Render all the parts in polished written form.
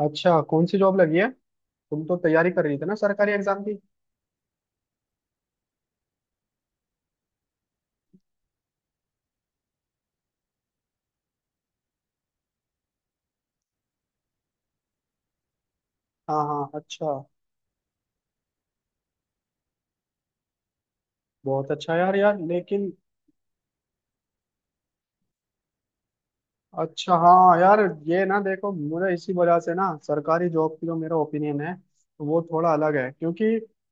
अच्छा, कौन सी जॉब लगी है? तुम तो तैयारी कर रही थी ना सरकारी एग्जाम की। हाँ हाँ, अच्छा। बहुत अच्छा यार, यार लेकिन, अच्छा, हाँ यार। ये ना देखो, मुझे इसी वजह से ना सरकारी जॉब की जो मेरा ओपिनियन है वो थोड़ा अलग है, क्योंकि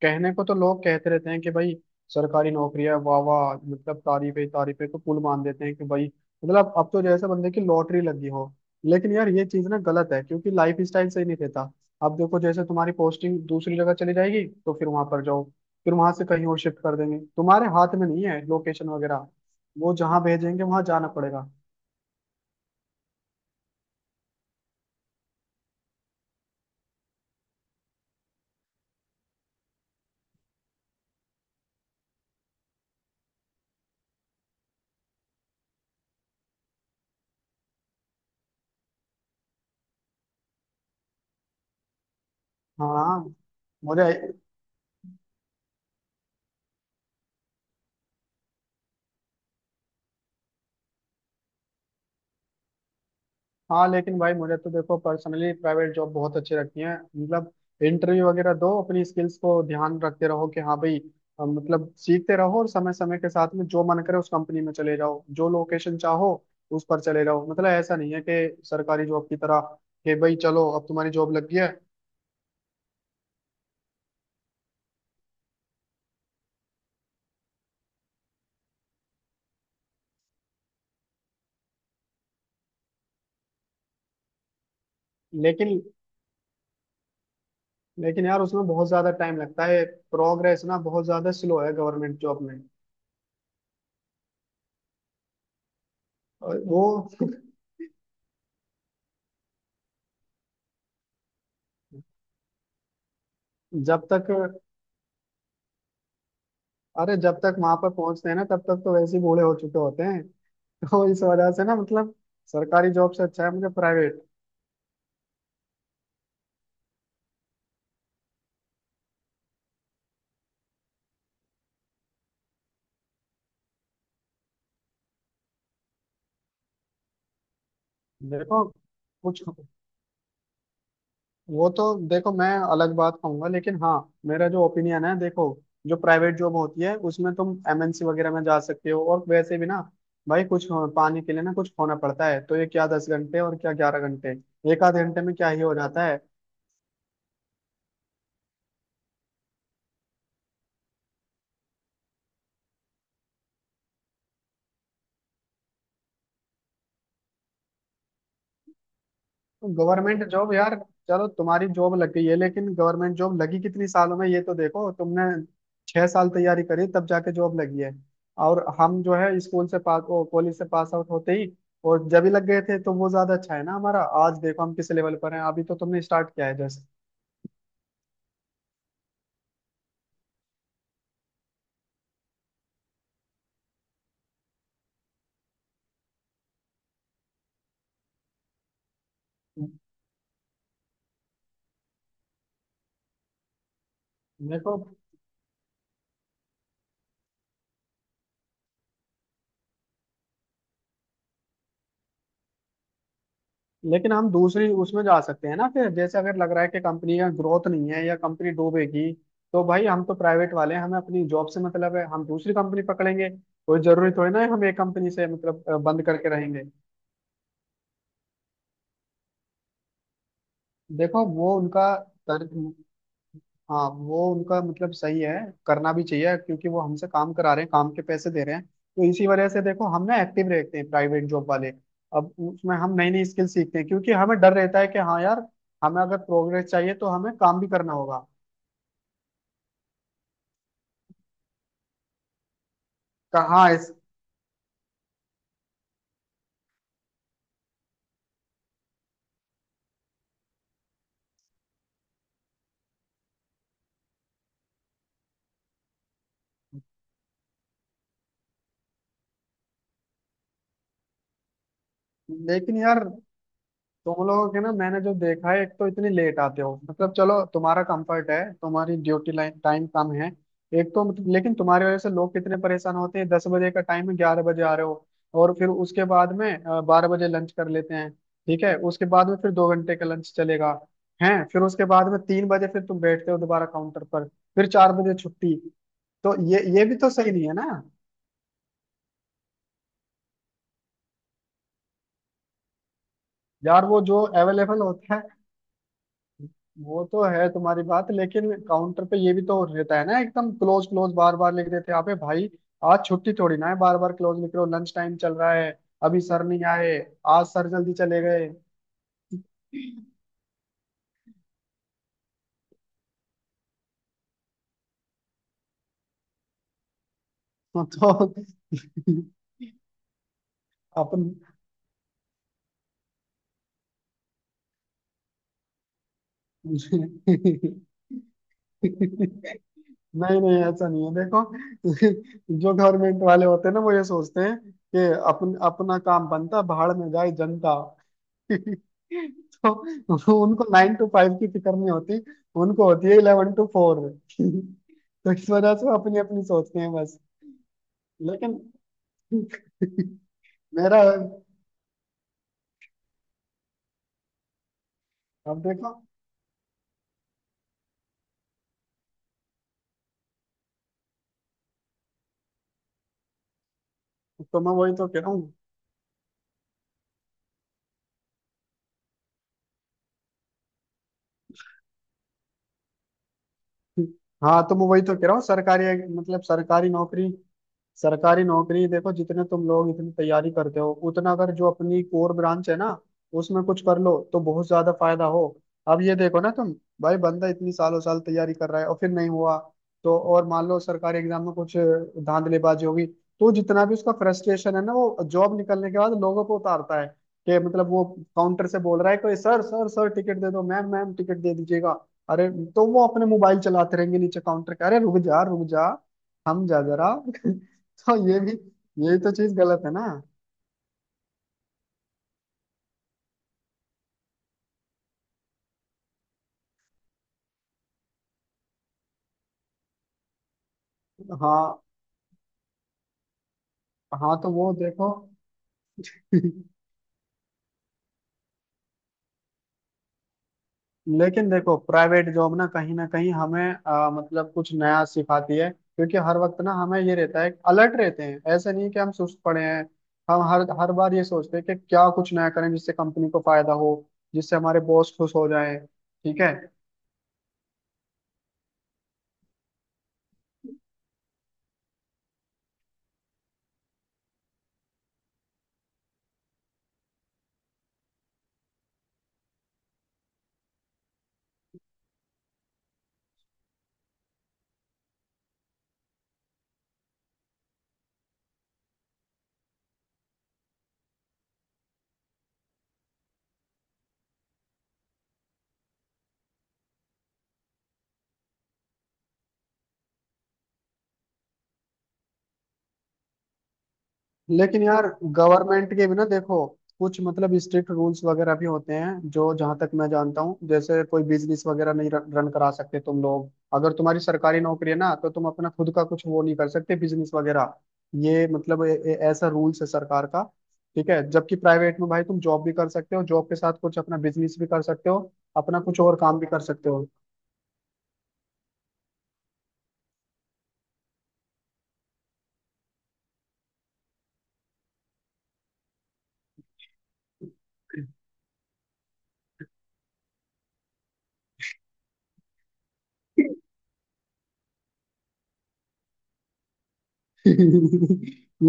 कहने को तो लोग कहते रहते हैं कि भाई सरकारी नौकरी है, वाह वाह, मतलब तारीफे तारीफे को पुल मान देते हैं कि भाई, मतलब अब तो जैसे बंदे की लॉटरी लगी हो। लेकिन यार ये चीज ना गलत है क्योंकि लाइफ स्टाइल सही नहीं रहता। अब देखो जैसे तुम्हारी पोस्टिंग दूसरी जगह चली जाएगी तो फिर वहां पर जाओ, फिर वहां से कहीं और शिफ्ट कर देंगे, तुम्हारे हाथ में नहीं है लोकेशन वगैरह। वो जहाँ भेजेंगे वहां जाना पड़ेगा। हाँ, मुझे। हाँ लेकिन भाई मुझे तो देखो पर्सनली प्राइवेट जॉब बहुत अच्छी लगती है, मतलब इंटरव्यू वगैरह दो, अपनी स्किल्स को ध्यान रखते रहो कि हाँ भाई, मतलब सीखते रहो और समय समय के साथ में जो मन करे उस कंपनी में चले जाओ, जो लोकेशन चाहो उस पर चले जाओ। मतलब ऐसा नहीं है कि सरकारी जॉब की तरह कि भाई चलो अब तुम्हारी जॉब लग गई है। लेकिन लेकिन यार उसमें बहुत ज्यादा टाइम लगता है। प्रोग्रेस ना बहुत ज्यादा स्लो है गवर्नमेंट जॉब में। और वो। जब तक अरे, जब तक वहां पर पहुंचते हैं ना तब तक तो वैसे ही बूढ़े हो चुके होते हैं। तो इस वजह से ना, मतलब सरकारी जॉब से अच्छा है मुझे प्राइवेट। देखो कुछ वो तो देखो मैं अलग बात कहूंगा लेकिन हाँ, मेरा जो ओपिनियन है देखो, जो प्राइवेट जॉब होती है उसमें तुम एमएनसी वगैरह में जा सकते हो, और वैसे भी ना भाई कुछ पाने के लिए ना कुछ होना पड़ता है, तो ये क्या 10 घंटे और क्या 11 घंटे, एक आध घंटे में क्या ही हो जाता है। गवर्नमेंट जॉब यार, चलो तुम्हारी जॉब लग गई है लेकिन गवर्नमेंट जॉब लगी कितनी सालों में? ये तो देखो तुमने 6 साल तैयारी करी तब जाके जॉब लगी है। और हम जो है स्कूल से पास ओ कॉलेज से पास आउट होते ही और जब ही लग गए थे तो वो ज्यादा अच्छा है ना, हमारा आज देखो हम किस लेवल पर हैं, अभी तो तुमने स्टार्ट किया है जैसे। देखो, लेकिन हम दूसरी उसमें जा सकते हैं ना फिर, जैसे अगर लग रहा है कि कंपनी का ग्रोथ नहीं है या कंपनी डूबेगी तो भाई हम तो प्राइवेट वाले हैं, हमें अपनी जॉब से मतलब है, हम दूसरी कंपनी पकड़ेंगे, कोई जरूरी थोड़ी ना है हम एक कंपनी से मतलब बंद करके रहेंगे। देखो वो उनका तर्क हाँ, वो उनका मतलब सही है, करना भी चाहिए क्योंकि वो हमसे काम करा रहे हैं, काम के पैसे दे रहे हैं, तो इसी वजह से देखो हम ना एक्टिव रहते हैं प्राइवेट जॉब वाले। अब उसमें हम नई नई स्किल सीखते हैं क्योंकि हमें डर रहता है कि हाँ यार, हमें अगर प्रोग्रेस चाहिए तो हमें काम भी करना होगा। कहाँ इस लेकिन यार, तुम लोगों के ना मैंने जो देखा है, एक तो इतनी लेट आते हो, मतलब चलो तुम्हारा कंफर्ट है, तुम्हारी ड्यूटी लाइन टाइम कम है, एक तो, मतलब लेकिन तुम्हारी वजह से लोग कितने परेशान होते हैं, 10 बजे का टाइम है 11 बजे आ रहे हो, और फिर उसके बाद में 12 बजे लंच कर लेते हैं, ठीक है, उसके बाद में फिर 2 घंटे का लंच चलेगा है, फिर उसके बाद में 3 बजे फिर तुम बैठते हो दोबारा काउंटर पर, फिर 4 बजे छुट्टी। तो ये भी तो सही नहीं है ना। यार वो जो अवेलेबल होता है वो तो है तुम्हारी बात, लेकिन काउंटर पे ये भी तो रहता है ना, एकदम क्लोज क्लोज बार बार लिख देते हैं, अबे भाई आज छुट्टी थोड़ी ना है, बार बार क्लोज लिख रहे हो, लंच टाइम चल रहा है, अभी सर नहीं आए, आज सर जल्दी चले गए। तो अपन नहीं, नहीं, ऐसा नहीं है। देखो, जो गवर्नमेंट वाले होते हैं ना वो ये सोचते हैं कि अपन अपना काम बनता, भाड़ में जाए जनता। तो उनको 9 to 5 की फिक्र नहीं होती, उनको होती है 11 to 4। तो इस वजह से वो अपनी अपनी सोचते हैं बस। लेकिन मेरा अब देखो तो मैं वही तो कह रहा हूँ। हाँ तो मैं वही तो कह रहा हूँ, सरकारी, मतलब सरकारी नौकरी। सरकारी नौकरी देखो, जितने तुम लोग इतनी तैयारी करते हो, उतना अगर जो अपनी कोर ब्रांच है ना उसमें कुछ कर लो तो बहुत ज्यादा फायदा हो। अब ये देखो ना तुम, भाई बंदा इतनी सालों साल तैयारी कर रहा है और फिर नहीं हुआ तो, और मान लो सरकारी एग्जाम में कुछ धांधलीबाजी होगी, तो जितना भी उसका फ्रस्ट्रेशन है ना वो जॉब निकलने के बाद लोगों को उतारता है, कि मतलब वो काउंटर से बोल रहा है, कोई सर सर सर टिकट दे दो, मैम मैम टिकट दे दीजिएगा, अरे, तो वो अपने मोबाइल चलाते रहेंगे नीचे काउंटर के, अरे रुक जा हम जा जरा। तो ये भी, यही तो चीज गलत है ना। हाँ हाँ, तो वो देखो। लेकिन देखो, प्राइवेट जॉब ना कहीं हमें मतलब कुछ नया सिखाती है, क्योंकि हर वक्त ना हमें ये रहता है, अलर्ट रहते हैं ऐसे नहीं कि हम सुस्त पड़े हैं। हम हर हर बार ये सोचते हैं कि क्या कुछ नया करें जिससे कंपनी को फायदा हो, जिससे हमारे बॉस खुश हो जाए। ठीक है लेकिन यार, गवर्नमेंट के भी ना देखो कुछ, मतलब स्ट्रिक्ट रूल्स वगैरह भी होते हैं, जो जहां तक मैं जानता हूँ जैसे कोई बिजनेस वगैरह नहीं रन करा सकते तुम लोग, अगर तुम्हारी सरकारी नौकरी है ना तो तुम अपना खुद का कुछ वो नहीं कर सकते, बिजनेस वगैरह। ये मतलब ए, ए, ऐसा रूल्स है सरकार का, ठीक है, जबकि प्राइवेट में भाई तुम जॉब भी कर सकते हो, जॉब के साथ कुछ अपना बिजनेस भी कर सकते हो, अपना कुछ और काम भी कर सकते हो।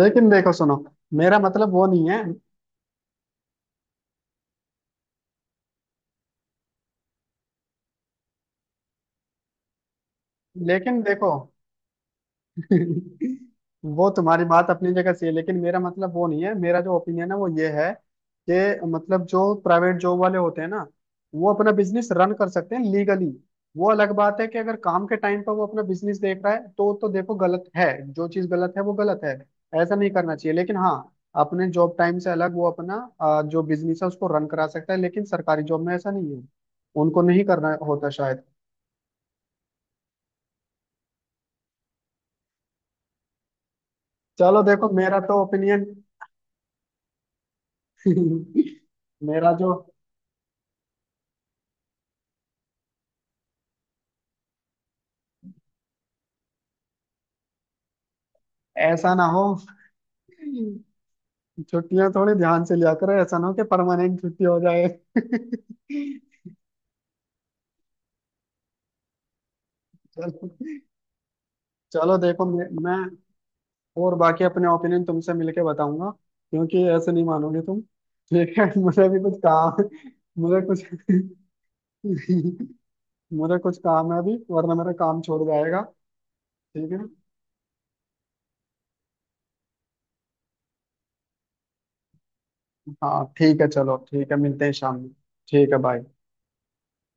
लेकिन देखो सुनो, मेरा मतलब वो नहीं है। लेकिन देखो वो तुम्हारी बात अपनी जगह सही है, लेकिन मेरा मतलब वो नहीं है, मेरा जो ओपिनियन है वो ये है कि मतलब जो प्राइवेट जॉब वाले होते हैं ना, वो अपना बिजनेस रन कर सकते हैं लीगली। वो अलग बात है कि अगर काम के टाइम पर वो अपना बिजनेस देख रहा है तो देखो गलत है। जो चीज गलत है वो गलत है, ऐसा नहीं करना चाहिए, लेकिन हाँ अपने जॉब टाइम से अलग वो अपना जो बिजनेस है उसको रन करा सकता है, लेकिन सरकारी जॉब में ऐसा नहीं है, उनको नहीं करना होता शायद। चलो देखो मेरा तो ओपिनियन। मेरा जो ऐसा ना हो छुट्टियां थोड़ी ध्यान से लिया करो, ऐसा ना हो कि परमानेंट छुट्टी हो जाए। चलो, चलो देखो मैं और बाकी अपने ओपिनियन तुमसे मिलके बताऊंगा, क्योंकि ऐसे नहीं मानोगे तुम। ठीक है, मुझे भी कुछ काम मुझे कुछ मुझे कुछ काम है अभी वरना मेरा काम छोड़ जाएगा। ठीक है, हाँ ठीक है, चलो ठीक है, मिलते हैं शाम में। ठीक है, बाय।